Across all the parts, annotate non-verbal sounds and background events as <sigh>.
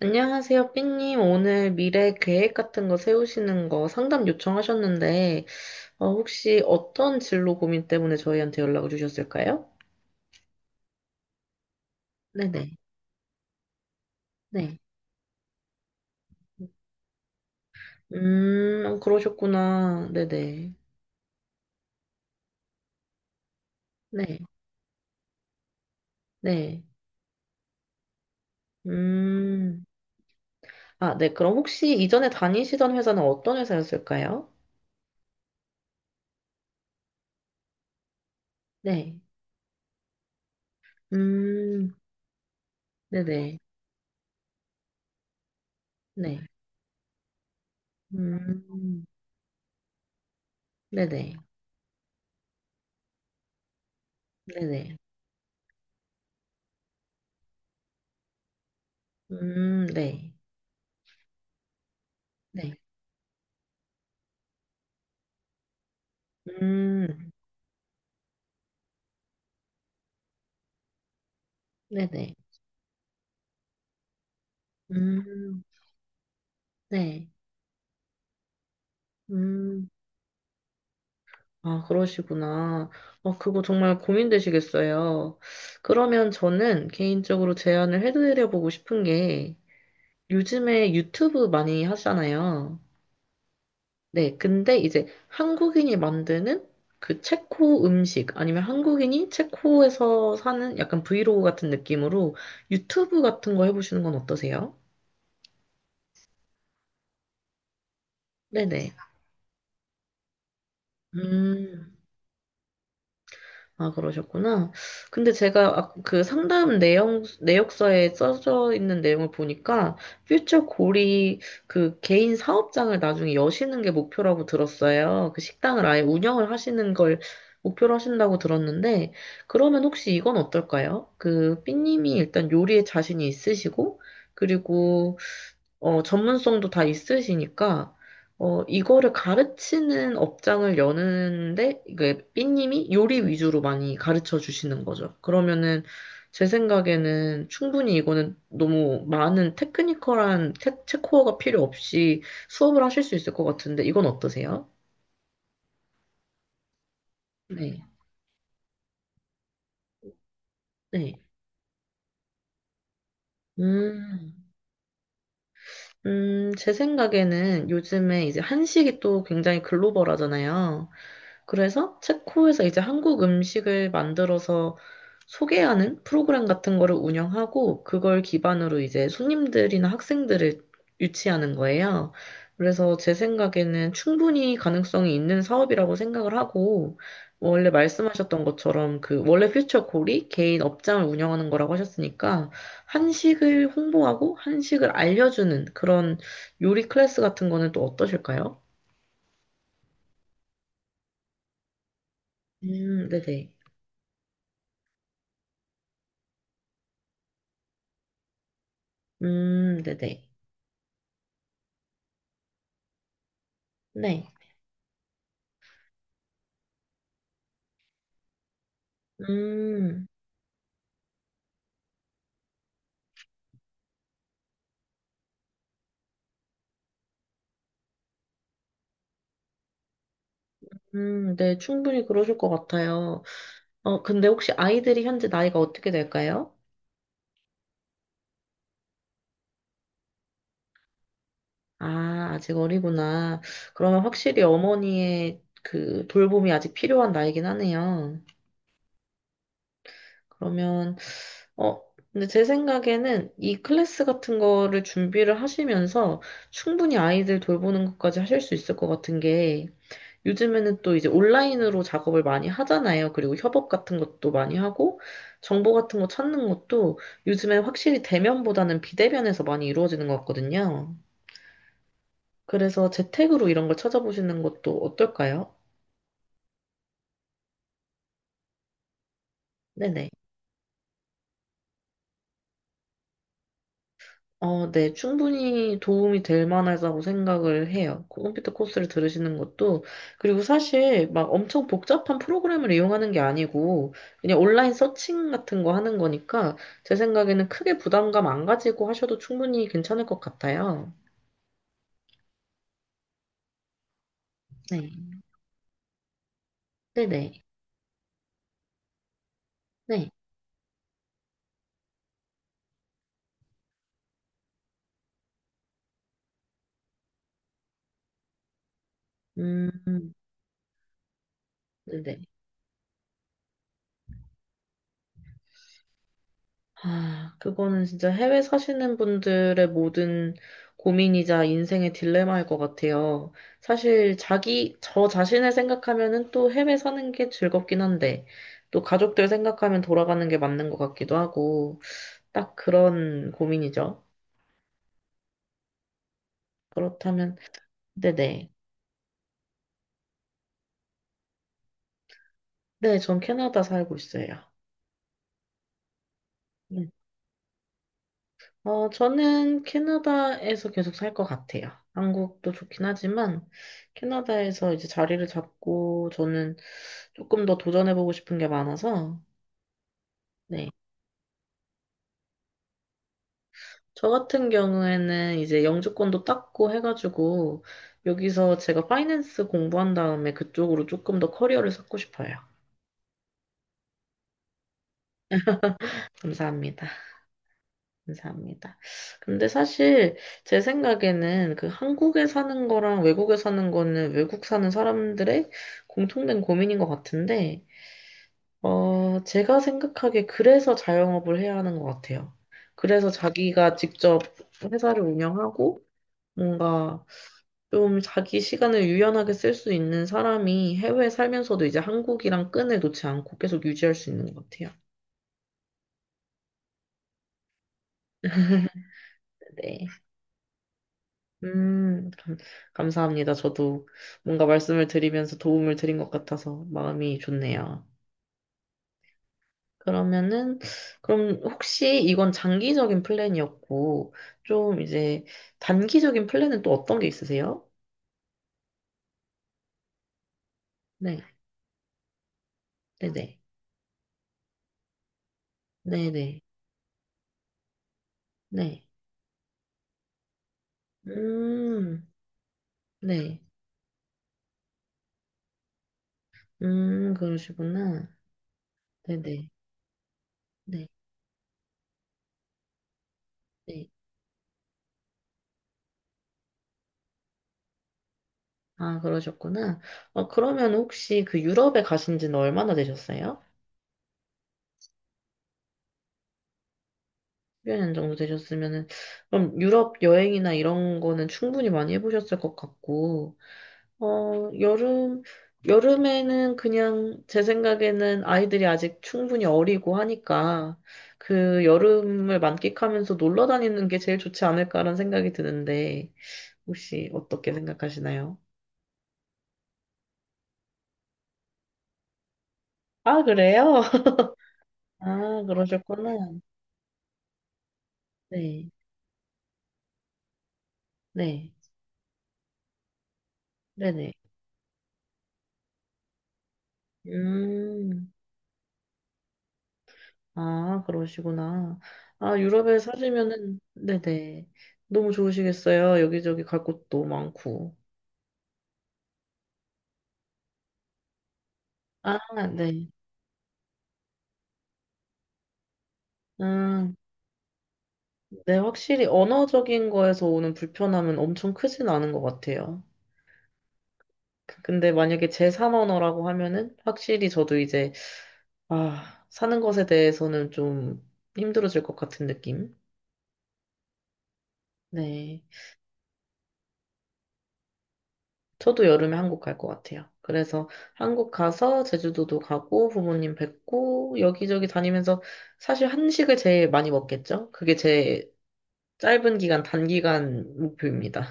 안녕하세요, 삐님. 오늘 미래 계획 같은 거 세우시는 거 상담 요청하셨는데, 혹시 어떤 진로 고민 때문에 저희한테 연락을 주셨을까요? 네네, 네. 그러셨구나. 네네, 네, 네. 음, 아, 네. 그럼 혹시 이전에 다니시던 회사는 어떤 회사였을까요? 네. 음, 네네, 네. 음, 네네, 네네. 네, 네. 음, 네네. 음, 네. 음, 아, 그러시구나. 어, 그거 정말 고민되시겠어요. 그러면 저는 개인적으로 제안을 해드려보고 싶은 게 요즘에 유튜브 많이 하잖아요. 네. 근데 이제 한국인이 만드는 그 체코 음식 아니면 한국인이 체코에서 사는 약간 브이로그 같은 느낌으로 유튜브 같은 거 해보시는 건 어떠세요? 네네. 음. 아, 그러셨구나. 근데 제가 그 상담 내용, 내역서에 써져 있는 내용을 보니까 퓨처 골이 그 개인 사업장을 나중에 여시는 게 목표라고 들었어요. 그 식당을 아예 운영을 하시는 걸 목표로 하신다고 들었는데, 그러면 혹시 이건 어떨까요? 그 삐님이 일단 요리에 자신이 있으시고, 그리고 전문성도 다 있으시니까, 이거를 가르치는 업장을 여는데, 이게 삐님이 요리 위주로 많이 가르쳐 주시는 거죠. 그러면은, 제 생각에는 충분히 이거는 너무 많은 체코어가 필요 없이 수업을 하실 수 있을 것 같은데, 이건 어떠세요? 네. 네. 음, 제 생각에는 요즘에 이제 한식이 또 굉장히 글로벌하잖아요. 그래서 체코에서 이제 한국 음식을 만들어서 소개하는 프로그램 같은 거를 운영하고 그걸 기반으로 이제 손님들이나 학생들을 유치하는 거예요. 그래서 제 생각에는 충분히 가능성이 있는 사업이라고 생각을 하고 원래 말씀하셨던 것처럼 그 원래 퓨처콜이 개인 업장을 운영하는 거라고 하셨으니까 한식을 홍보하고 한식을 알려주는 그런 요리 클래스 같은 거는 또 어떠실까요? 네네. 네네. 네. 음, 네, 충분히 그러실 것 같아요. 어, 근데 혹시 아이들이 현재 나이가 어떻게 될까요? 아, 아직 어리구나. 그러면 확실히 어머니의 그 돌봄이 아직 필요한 나이긴 하네요. 그러면, 어, 근데 제 생각에는 이 클래스 같은 거를 준비를 하시면서 충분히 아이들 돌보는 것까지 하실 수 있을 것 같은 게 요즘에는 또 이제 온라인으로 작업을 많이 하잖아요. 그리고 협업 같은 것도 많이 하고, 정보 같은 거 찾는 것도 요즘에 확실히 대면보다는 비대면에서 많이 이루어지는 것 같거든요. 그래서 재택으로 이런 걸 찾아보시는 것도 어떨까요? 네네. 어, 네, 충분히 도움이 될 만하다고 생각을 해요. 컴퓨터 코스를 들으시는 것도. 그리고 사실 막 엄청 복잡한 프로그램을 이용하는 게 아니고, 그냥 온라인 서칭 같은 거 하는 거니까, 제 생각에는 크게 부담감 안 가지고 하셔도 충분히 괜찮을 것 같아요. 네, 네네, 네. 음, 네네. 아, 그거는 진짜 해외 사시는 분들의 모든 고민이자 인생의 딜레마일 것 같아요. 사실 저 자신을 생각하면은 또 해외 사는 게 즐겁긴 한데, 또 가족들 생각하면 돌아가는 게 맞는 것 같기도 하고, 딱 그런 고민이죠. 그렇다면, 네네. 네, 네, 전 캐나다 살고 있어요. 음. 어, 저는 캐나다에서 계속 살 것 같아요. 한국도 좋긴 하지만, 캐나다에서 이제 자리를 잡고, 저는 조금 더 도전해보고 싶은 게 많아서, 네. 저 같은 경우에는 이제 영주권도 땄고 해가지고, 여기서 제가 파이낸스 공부한 다음에 그쪽으로 조금 더 커리어를 쌓고 싶어요. 감사합니다. 감사합니다. 근데 사실 제 생각에는 그 한국에 사는 거랑 외국에 사는 거는 외국 사는 사람들의 공통된 고민인 것 같은데, 제가 생각하기에 그래서 자영업을 해야 하는 것 같아요. 그래서 자기가 직접 회사를 운영하고 뭔가 좀 자기 시간을 유연하게 쓸 수 있는 사람이 해외에 살면서도 이제 한국이랑 끈을 놓지 않고 계속 유지할 수 있는 것 같아요. 네. 음, 감- 감사합니다. 저도 뭔가 말씀을 드리면서 도움을 드린 것 같아서 마음이 좋네요. 그러면은, 그럼 혹시 이건 장기적인 플랜이었고, 좀 이제 단기적인 플랜은 또 어떤 게 있으세요? 네, 네네, 네네, 네. 네, 네. 음, 네. 그러시구나. 네네, 네, 네. 네. 아, 그러셨구나. 어, 그러면 혹시 그 유럽에 가신 지는 얼마나 되셨어요? 1년 정도 되셨으면은, 그럼 유럽 여행이나 이런 거는 충분히 많이 해보셨을 것 같고, 어, 여름, 여름에는 그냥 제 생각에는 아이들이 아직 충분히 어리고 하니까 그 여름을 만끽하면서 놀러 다니는 게 제일 좋지 않을까라는 생각이 드는데, 혹시 어떻게 생각하시나요? 아, 그래요? <laughs> 아, 그러셨구나. 네, 네, 네네. 음. 아, 그러시구나. 아, 유럽에 사시면은, 네네. 너무 좋으시겠어요. 여기저기 갈 곳도 많고. 아, 네. 음, 네, 확실히 언어적인 거에서 오는 불편함은 엄청 크진 않은 것 같아요. 근데 만약에 제3 언어라고 하면은 확실히 저도 이제, 아, 사는 것에 대해서는 좀 힘들어질 것 같은 느낌? 네. 저도 여름에 한국 갈 것 같아요. 그래서 한국 가서 제주도도 가고 부모님 뵙고 여기저기 다니면서 사실 한식을 제일 많이 먹겠죠? 그게 제 단기간 목표입니다.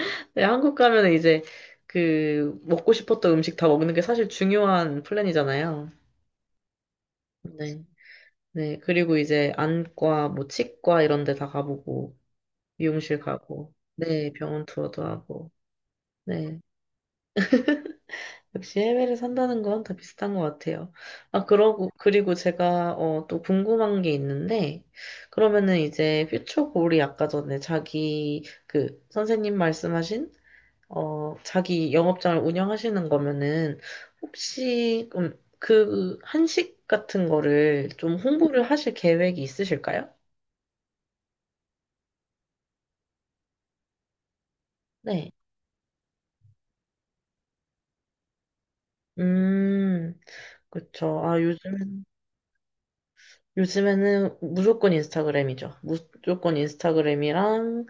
<laughs> 네, 한국 가면 이제 그 먹고 싶었던 음식 다 먹는 게 사실 중요한 플랜이잖아요. 네. 네. 그리고 이제 안과, 뭐 치과 이런 데 다 가보고 미용실 가고 네, 병원 투어도 하고 네. 역시 해외를 산다는 건 다 비슷한 것 같아요. 아, 그러고, 그리고 제가, 또 궁금한 게 있는데, 그러면은 이제 퓨처골이 아까 전에 선생님 말씀하신, 자기 영업장을 운영하시는 거면은, 혹시, 한식 같은 거를 좀 홍보를 하실 계획이 있으실까요? 네. 음, 그쵸. 요즘에는 무조건 인스타그램이죠. 무조건 인스타그램이랑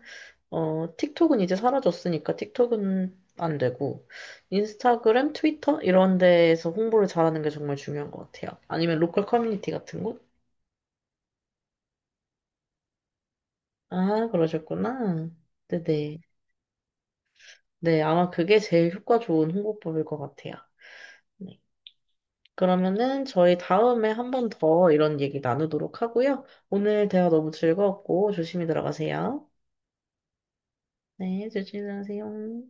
틱톡은 이제 사라졌으니까 틱톡은 안 되고, 인스타그램, 트위터? 이런 데에서 홍보를 잘하는 게 정말 중요한 것 같아요. 아니면 로컬 커뮤니티 같은 곳? 아, 그러셨구나. 네네. 네, 아마 그게 제일 효과 좋은 홍보법일 것 같아요. 네. 그러면은 저희 다음에 한번 더 이런 얘기 나누도록 하고요. 오늘 대화 너무 즐거웠고, 조심히 들어가세요. 네, 조심히 들어가세요.